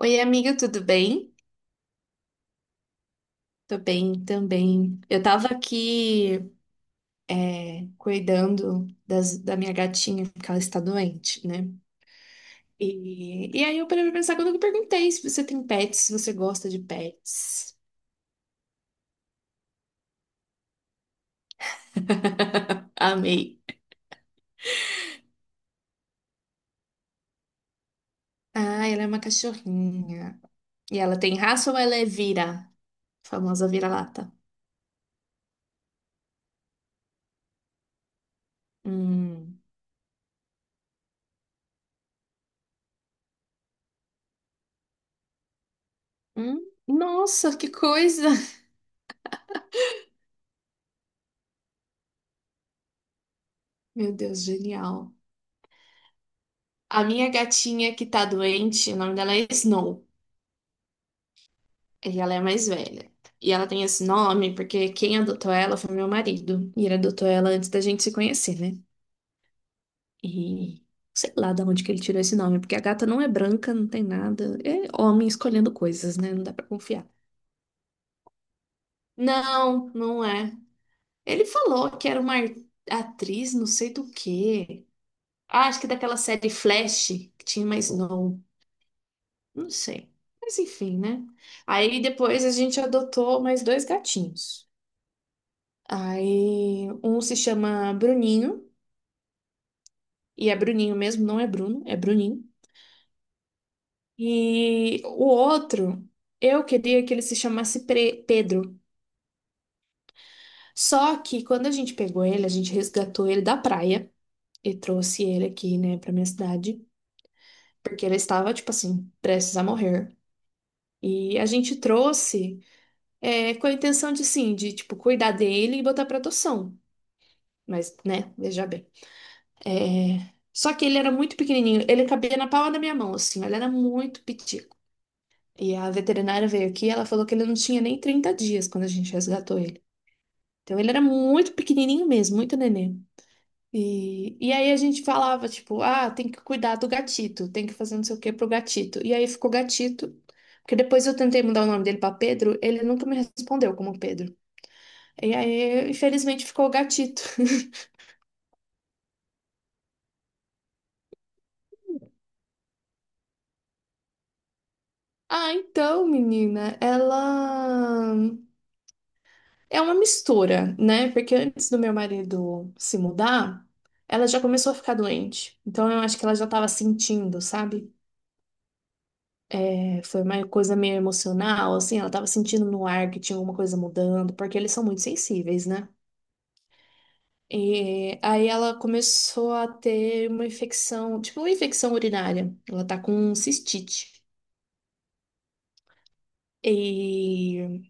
Oi, amiga, tudo bem? Tô bem também. Eu tava aqui cuidando da minha gatinha, porque ela está doente, né? E aí eu parei pra pensar quando eu perguntei se você tem pets, se você gosta de pets. Amei. Ah, ela é uma cachorrinha. E ela tem raça ou ela é vira? Famosa vira-lata. Hum. Hum? Nossa, que coisa! Meu Deus, genial. A minha gatinha que tá doente, o nome dela é Snow. E ela é mais velha. E ela tem esse nome porque quem adotou ela foi meu marido. E ele adotou ela antes da gente se conhecer, né? E sei lá de onde que ele tirou esse nome, porque a gata não é branca, não tem nada. É homem escolhendo coisas, né? Não dá pra confiar. Não, não é. Ele falou que era uma atriz, não sei do quê. Ah, acho que daquela série Flash, que tinha mais Snow. Não sei. Mas enfim, né? Aí depois a gente adotou mais dois gatinhos. Aí um se chama Bruninho, e é Bruninho mesmo, não é Bruno, é Bruninho. E o outro, eu queria que ele se chamasse Pedro. Só que quando a gente pegou ele, a gente resgatou ele da praia e trouxe ele aqui, né, pra minha cidade, porque ele estava, tipo assim, prestes a morrer. E a gente trouxe é, com a intenção de, sim, de, tipo, cuidar dele e botar pra adoção. Mas, né, veja bem. É, só que ele era muito pequenininho, ele cabia na palma da minha mão, assim, ele era muito pitico. E a veterinária veio aqui, e ela falou que ele não tinha nem 30 dias quando a gente resgatou ele. Então ele era muito pequenininho mesmo, muito nenê. E aí a gente falava, tipo, ah, tem que cuidar do gatito, tem que fazer não sei o que pro gatito. E aí ficou gatito, porque depois eu tentei mudar o nome dele pra Pedro, ele nunca me respondeu como Pedro. E aí, infelizmente, ficou gatito. Ah, então, menina, ela. É uma mistura, né? Porque antes do meu marido se mudar, ela já começou a ficar doente. Então eu acho que ela já estava sentindo, sabe? É, foi uma coisa meio emocional, assim, ela estava sentindo no ar que tinha alguma coisa mudando, porque eles são muito sensíveis, né? E aí ela começou a ter uma infecção, tipo uma infecção urinária. Ela tá com cistite. E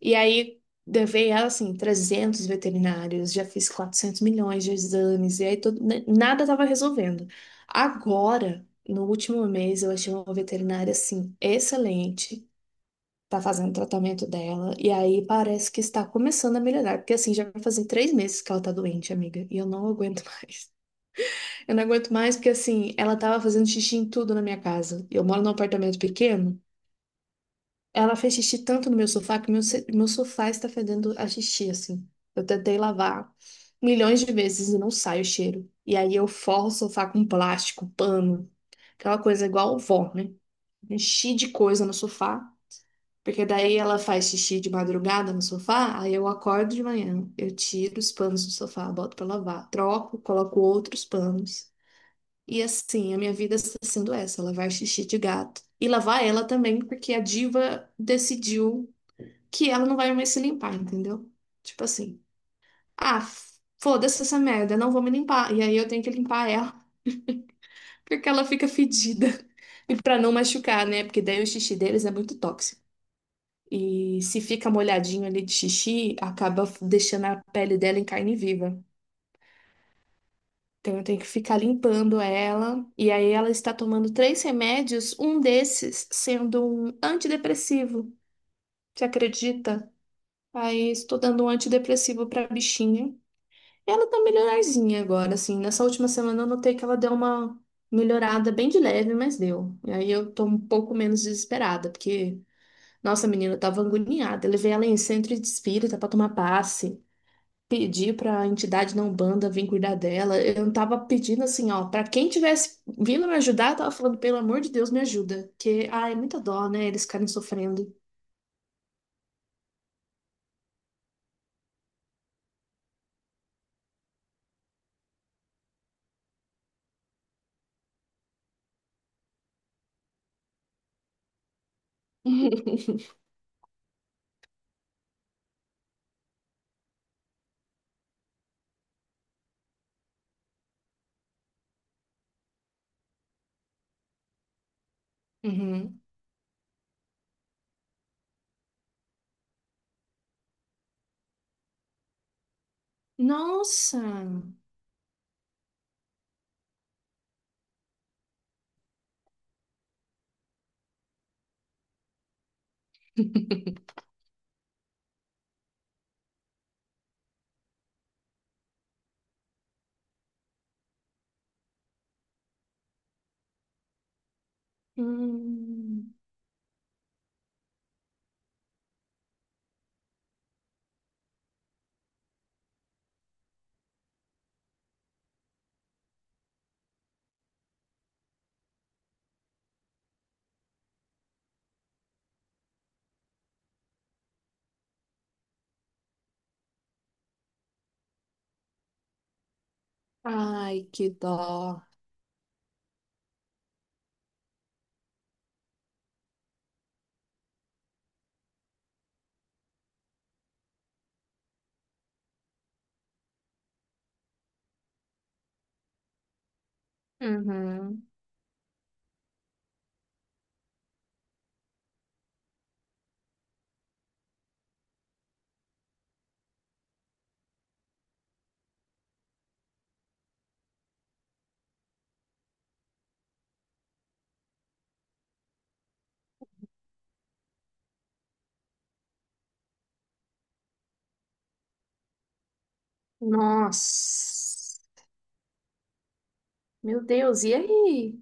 E aí, levei ela, assim, 300 veterinários, já fiz 400 milhões de exames, e aí nada tava resolvendo. Agora, no último mês, eu achei uma veterinária, assim, excelente, tá fazendo o tratamento dela, e aí parece que está começando a melhorar, porque, assim, já vai fazer 3 meses que ela tá doente, amiga, e eu não aguento mais. Eu não aguento mais porque, assim, ela tava fazendo xixi em tudo na minha casa. Eu moro num apartamento pequeno, ela fez xixi tanto no meu sofá que meu, meu sofá está fedendo a xixi, assim. Eu tentei lavar milhões de vezes e não sai o cheiro. E aí eu forro o sofá com plástico, pano, aquela coisa igual vó, né? Enchi de coisa no sofá, porque daí ela faz xixi de madrugada no sofá, aí eu acordo de manhã, eu tiro os panos do sofá, boto pra lavar, troco, coloco outros panos. E assim, a minha vida está sendo essa, lavar xixi de gato. E lavar ela também, porque a diva decidiu que ela não vai mais se limpar, entendeu? Tipo assim, ah, foda-se essa merda, não vou me limpar. E aí eu tenho que limpar ela, porque ela fica fedida. E pra não machucar, né? Porque daí o xixi deles é muito tóxico. E se fica molhadinho ali de xixi, acaba deixando a pele dela em carne viva. Então eu tenho que ficar limpando ela. E aí ela está tomando três remédios, um desses sendo um antidepressivo. Você acredita? Aí estou dando um antidepressivo pra bichinha. Ela tá melhorzinha agora, assim. Nessa última semana eu notei que ela deu uma melhorada bem de leve, mas deu. E aí eu tô um pouco menos desesperada, porque, nossa, menina, eu tava agoniada. Eu levei ela em centro de espírita pra tomar passe. Pedi pra entidade não banda vir cuidar dela. Eu não tava pedindo assim, ó, pra quem tivesse vindo me ajudar, eu tava falando, pelo amor de Deus, me ajuda. Que, ai, é muita dó, né? Eles ficarem sofrendo. Uhum. Nossa! Hum. Ai, que dó. Uhum. Nossa. Meu Deus, e aí?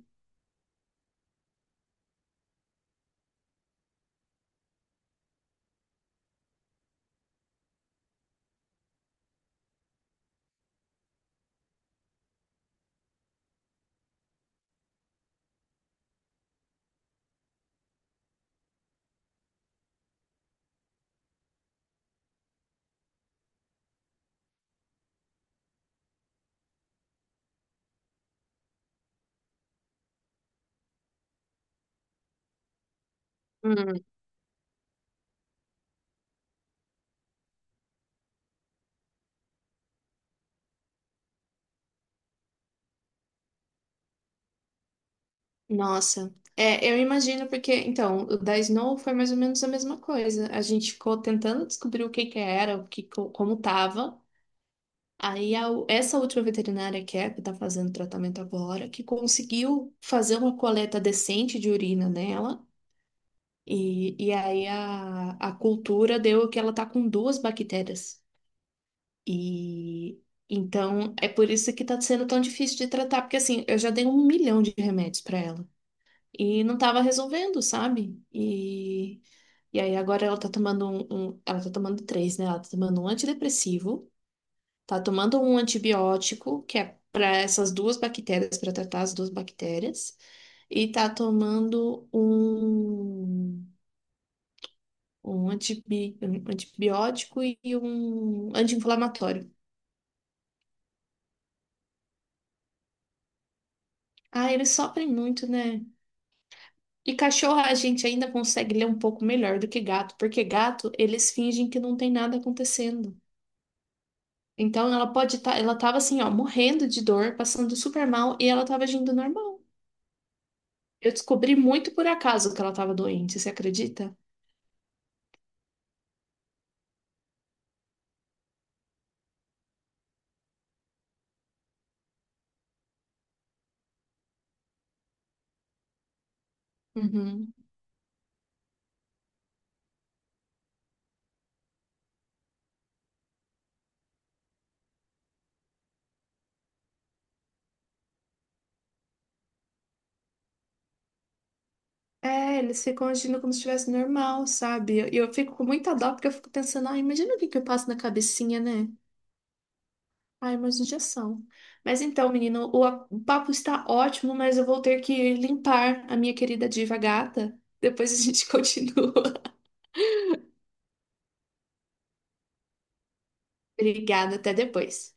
Hum, Nossa. É, eu imagino porque, então, o da Snow foi mais ou menos a mesma coisa. A gente ficou tentando descobrir o que que era, como tava. Aí essa última veterinária que é, que tá fazendo tratamento agora, que conseguiu fazer uma coleta decente de urina nela. E aí a cultura deu que ela tá com duas bactérias. E então é por isso que tá sendo tão difícil de tratar, porque assim, eu já dei 1 milhão de remédios pra ela e não tava resolvendo, sabe? E aí agora ela tá tomando ela tá tomando três, né? Ela tá tomando um antidepressivo, tá tomando um antibiótico, que é pra essas duas bactérias, pra tratar as duas bactérias, e tá tomando um antibiótico e um anti-inflamatório. Ah, eles sofrem muito, né? E cachorro a gente ainda consegue ler um pouco melhor do que gato, porque gato eles fingem que não tem nada acontecendo. Então ela pode estar, ela tava assim, ó, morrendo de dor, passando super mal e ela tava agindo normal. Eu descobri muito por acaso que ela tava doente, você acredita? Uhum. É, eles ficam agindo como se estivesse normal, sabe? E eu fico com muita dó porque eu fico pensando, ah, imagina o que que eu passo na cabecinha, né? Ai, mais injeção. Mas então, menino, o papo está ótimo, mas eu vou ter que limpar a minha querida diva gata. Depois a gente continua. Obrigada, até depois.